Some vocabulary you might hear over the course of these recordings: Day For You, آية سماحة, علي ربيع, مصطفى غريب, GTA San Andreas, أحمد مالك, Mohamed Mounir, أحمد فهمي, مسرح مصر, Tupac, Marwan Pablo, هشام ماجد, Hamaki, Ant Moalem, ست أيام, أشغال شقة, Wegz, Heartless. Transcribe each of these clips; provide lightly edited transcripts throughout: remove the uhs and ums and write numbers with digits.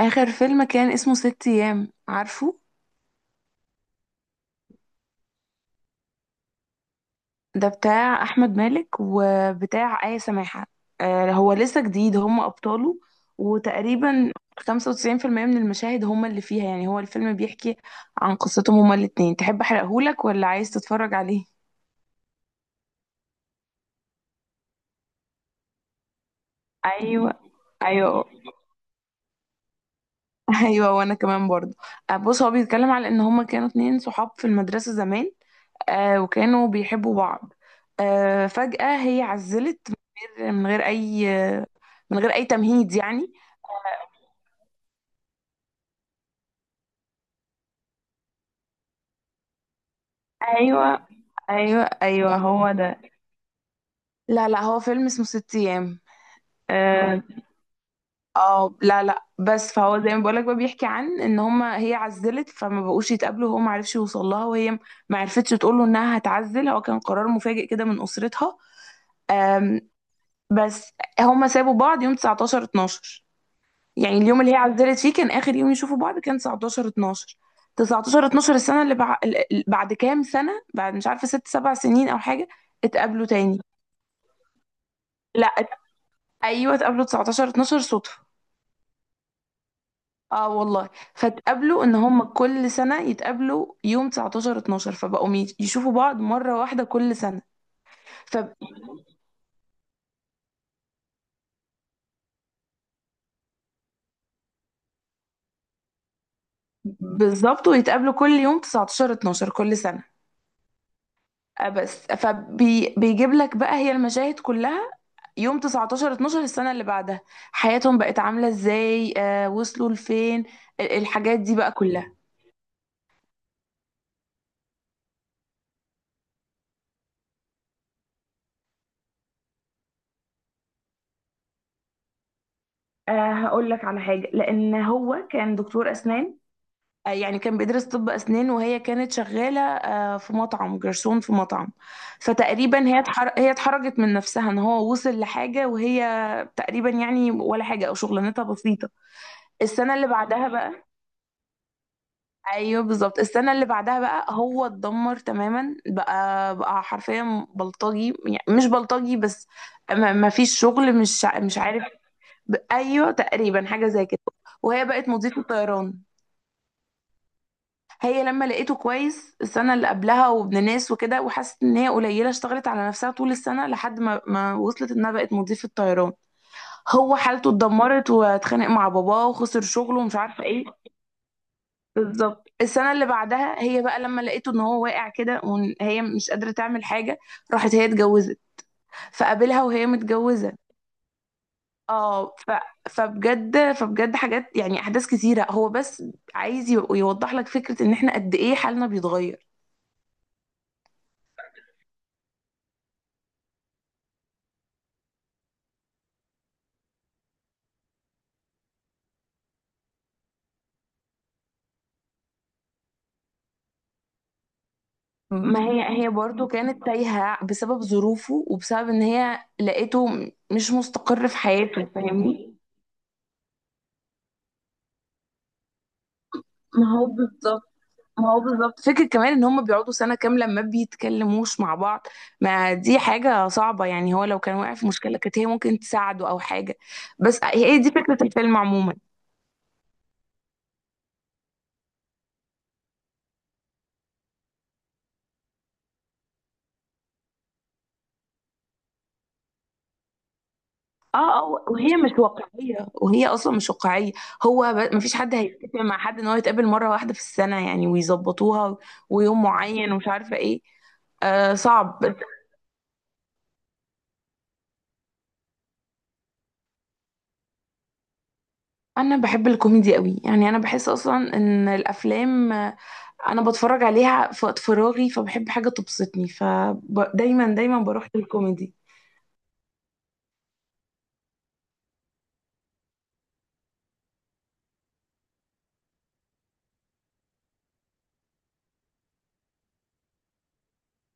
آخر فيلم كان اسمه ست أيام، عارفه؟ ده بتاع أحمد مالك وبتاع آية سماحة. آه، هو لسه جديد هم أبطاله. وتقريبا 95% من المشاهد هم اللي فيها. يعني هو الفيلم بيحكي عن قصتهم هما الاتنين. تحب أحرقهولك ولا عايز تتفرج عليه؟ أيوه. أيوه. أيوه، وأنا كمان برضه. بص، هو بيتكلم على إن هما كانوا اتنين صحاب في المدرسة زمان. آه، وكانوا بيحبوا بعض. آه، فجأة هي عزلت من غير أي، من غير أي تمهيد يعني. ايوه. ايوه ايوه، هو ده. لا لا، هو فيلم اسمه ست أيام. اه. لا لا، بس فهو زي ما بقولك بقى، بيحكي عن ان هما هي عزلت فما بقوش يتقابلوا، هو ما عرفش يوصل لها وهي ما عرفتش تقول له انها هتعزل. هو كان قرار مفاجئ كده من اسرتها. آم، بس هما سابوا بعض يوم 19 12. يعني اليوم اللي هي عزلت فيه كان اخر يوم يشوفوا بعض، كان 19 12. 19 12 السنه اللي بعد كام سنه، بعد مش عارفه، ست سبع سنين او حاجه. اتقابلوا تاني. لا ات... ايوه، اتقابلوا 19 12 صدفه. اه والله. فاتقابلوا ان هم كل سنه يتقابلوا يوم 19 12، فبقوا يشوفوا بعض مره واحده كل سنه. فبالظبط، ويتقابلوا كل يوم 19 12 كل سنه. آه، بس فبيجيب لك بقى هي المشاهد كلها يوم 19 12 السنة اللي بعدها، حياتهم بقت عاملة ازاي، آه، وصلوا لفين، الحاجات دي بقى كلها. أه، هقول لك على حاجة. لأن هو كان دكتور أسنان، آه، يعني كان بيدرس طب أسنان، وهي كانت شغالة آه، في مطعم، جرسون في مطعم. فتقريبا هي هي اتحرجت من نفسها ان هو وصل لحاجة وهي تقريبا يعني ولا حاجة، او شغلانتها بسيطة. السنة اللي بعدها بقى. ايوه بالظبط، السنه اللي بعدها بقى هو اتدمر تماما، بقى حرفيا بلطجي، يعني مش بلطجي بس، ما فيش شغل، مش مش عارف. ايوه، تقريبا حاجه زي كده. وهي بقت مضيفه طيران. هي لما لقيته كويس السنه اللي قبلها وابن ناس وكده، وحست ان هي قليله، اشتغلت على نفسها طول السنه لحد ما وصلت انها بقت مضيفه طيران. هو حالته اتدمرت، واتخانق مع باباه، وخسر شغله، ومش عارفه ايه. بالظبط، السنة اللي بعدها هي بقى لما لقيته ان هو واقع كده، وهي مش قادرة تعمل حاجة، راحت هي اتجوزت. فقابلها وهي متجوزة. اه فبجد، فبجد حاجات يعني احداث كتيرة، هو بس عايز يوضح لك فكرة ان احنا قد ايه حالنا بيتغير. ما مم. هي هي برضو كانت تايهة بسبب ظروفه، وبسبب ان هي لقيته مش مستقر في حياته، فاهمني؟ ما هو بالظبط. ما هو بالظبط، فكرة كمان ان هم بيقعدوا سنة كاملة ما بيتكلموش مع بعض. ما دي حاجة صعبة يعني، هو لو كان واقع في مشكلة كانت هي ممكن تساعده او حاجة. بس هي دي فكرة الفيلم عموما. اه اه، وهي مش واقعية، وهي اصلا مش واقعية. مفيش حد هيتفق مع حد ان هو يتقابل مرة واحدة في السنة يعني، ويظبطوها ويوم معين ومش عارفة ايه. آه، صعب. انا بحب الكوميدي قوي. يعني انا بحس اصلا ان الافلام، آه، انا بتفرج عليها في وقت فراغي، فبحب حاجه تبسطني، فدايما دايما بروح للكوميدي.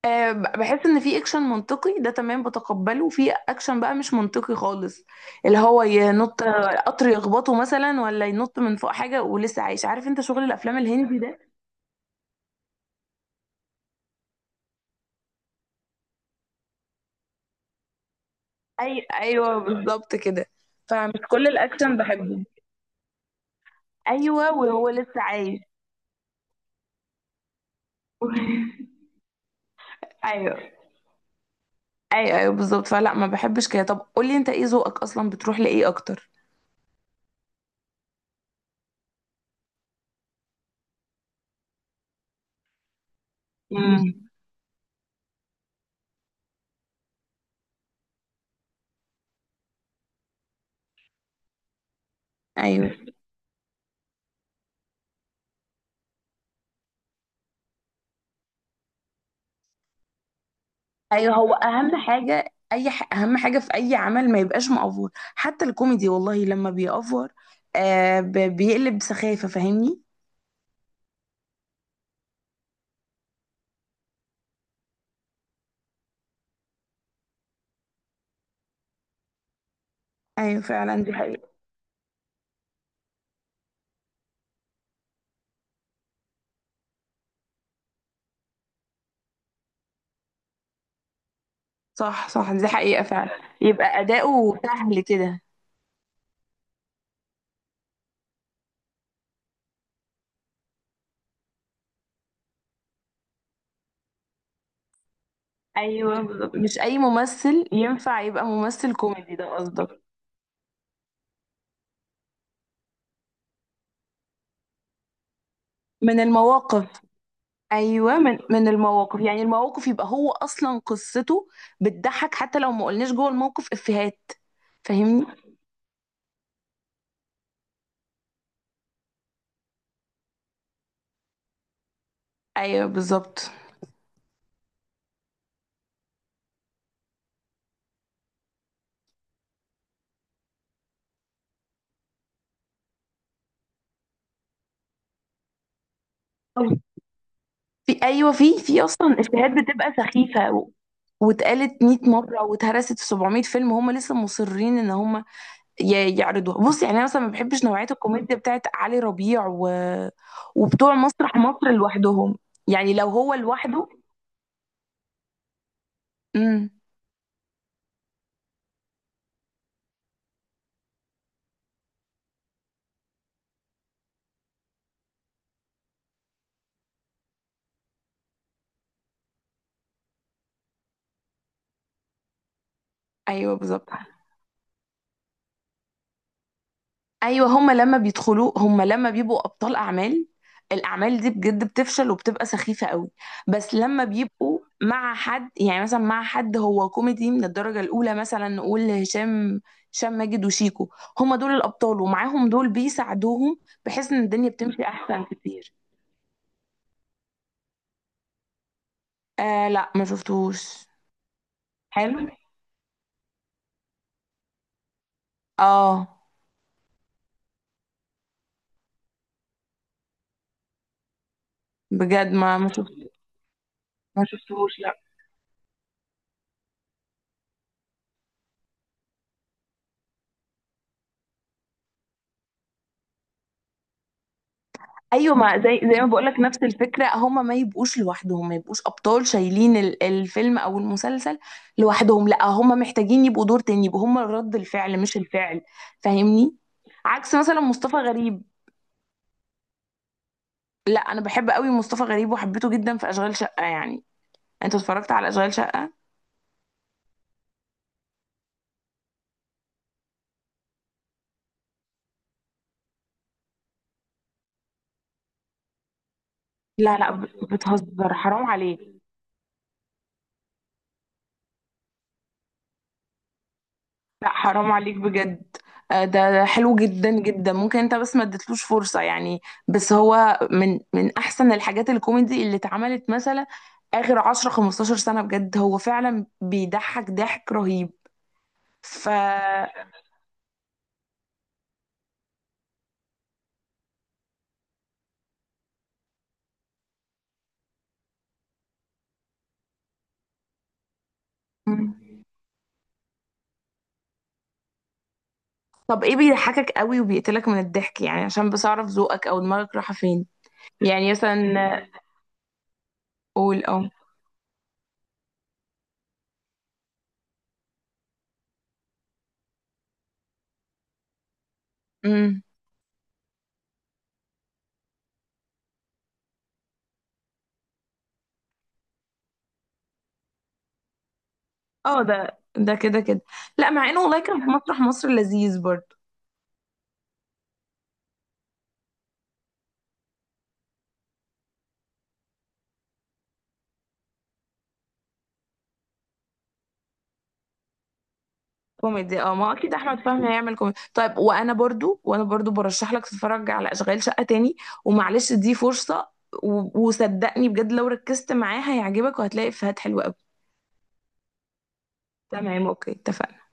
آه، بحس ان في اكشن منطقي ده تمام بتقبله، وفي اكشن بقى مش منطقي خالص، اللي هو ينط آه، قطر يخبطه مثلا ولا ينط من فوق حاجه ولسه عايش، عارف انت شغل الافلام الهندي ده. ايوه بالظبط كده. فمش كل الاكشن بحبه. ايوه، وهو لسه عايش. ايوه ايوه ايوه بالظبط. فلا، ما بحبش كده. طب قولي انت ايه ذوقك اصلا، بتروح لايه اكتر؟ امم. ايوه ايوه، هو اهم حاجه اهم حاجه في اي عمل ما يبقاش مأفور، حتى الكوميدي والله لما بيأفور، آه بيقلب سخافه، فاهمني؟ ايوه فعلا، دي حقيقه. صح صح، دي حقيقه فعلا. يبقى اداؤه سهل كده. ايوه بالظبط، مش اي ممثل ينفع يبقى ممثل كوميدي، ده قصدك. من المواقف. ايوه، من المواقف، يعني المواقف يبقى هو اصلا قصته بتضحك حتى لو ما قلناش جوه الموقف افيهات، فاهمني؟ ايوه بالظبط. أو، في، ايوه، في اصلا افيهات بتبقى سخيفه و- واتقالت 100 مره، واتهرست في 700 فيلم، هم لسه مصرين ان هم يعرضوها. بص يعني انا مثلا ما بحبش نوعيه الكوميديا بتاعت علي ربيع، و... وبتوع مسرح مصر لوحدهم، يعني لو هو لوحده. امم. ايوه بالظبط. ايوه، هما لما بيدخلوا، هما لما بيبقوا ابطال اعمال، الاعمال دي بجد بتفشل وبتبقى سخيفه قوي. بس لما بيبقوا مع حد، يعني مثلا مع حد هو كوميدي من الدرجه الاولى، مثلا نقول هشام، هشام ماجد وشيكو، هما دول الابطال، ومعاهم دول بيساعدوهم، بحيث ان الدنيا بتمشي احسن كتير. آه لا، ما شفتوش. حلو. اه بجد، ما شفت، ما شفتوش لا. ايوه، ما زي ما بقولك، نفس الفكره، هما ما يبقوش لوحدهم، ما يبقوش ابطال شايلين الفيلم او المسلسل لوحدهم، لا هما محتاجين يبقوا دور تاني، يبقوا هما رد الفعل مش الفعل، فاهمني؟ عكس مثلا مصطفى غريب. لا، انا بحب قوي مصطفى غريب، وحبيته جدا في اشغال شقه يعني. انت اتفرجت على اشغال شقه؟ لا لا، بتهزر، حرام عليك. لا، حرام عليك بجد. آه، ده ده حلو جدا جدا، ممكن انت بس ما اديتلوش فرصة يعني. بس هو من احسن الحاجات الكوميدي اللي اتعملت، مثلا اخر 10 15 سنة بجد. هو فعلا بيضحك ضحك رهيب. ف. مم. طب ايه بيضحكك قوي وبيقتلك من الضحك، يعني عشان بس اعرف ذوقك او دماغك رايحة فين؟ يعني مثلا، قول اه. امم. اه ده ده كده كده. لا، مع انه والله كان في مسرح مصر لذيذ برضه. كوميدي اه، ما اكيد احمد فهمي هيعمل كوميدي طيب. وانا برضو، وانا برضو برشح لك تتفرج على اشغال شقة تاني، ومعلش دي فرصة، وصدقني بجد لو ركزت معاه هيعجبك، وهتلاقي افيهات حلوة قوي. تمام، اوكي، اتفقنا.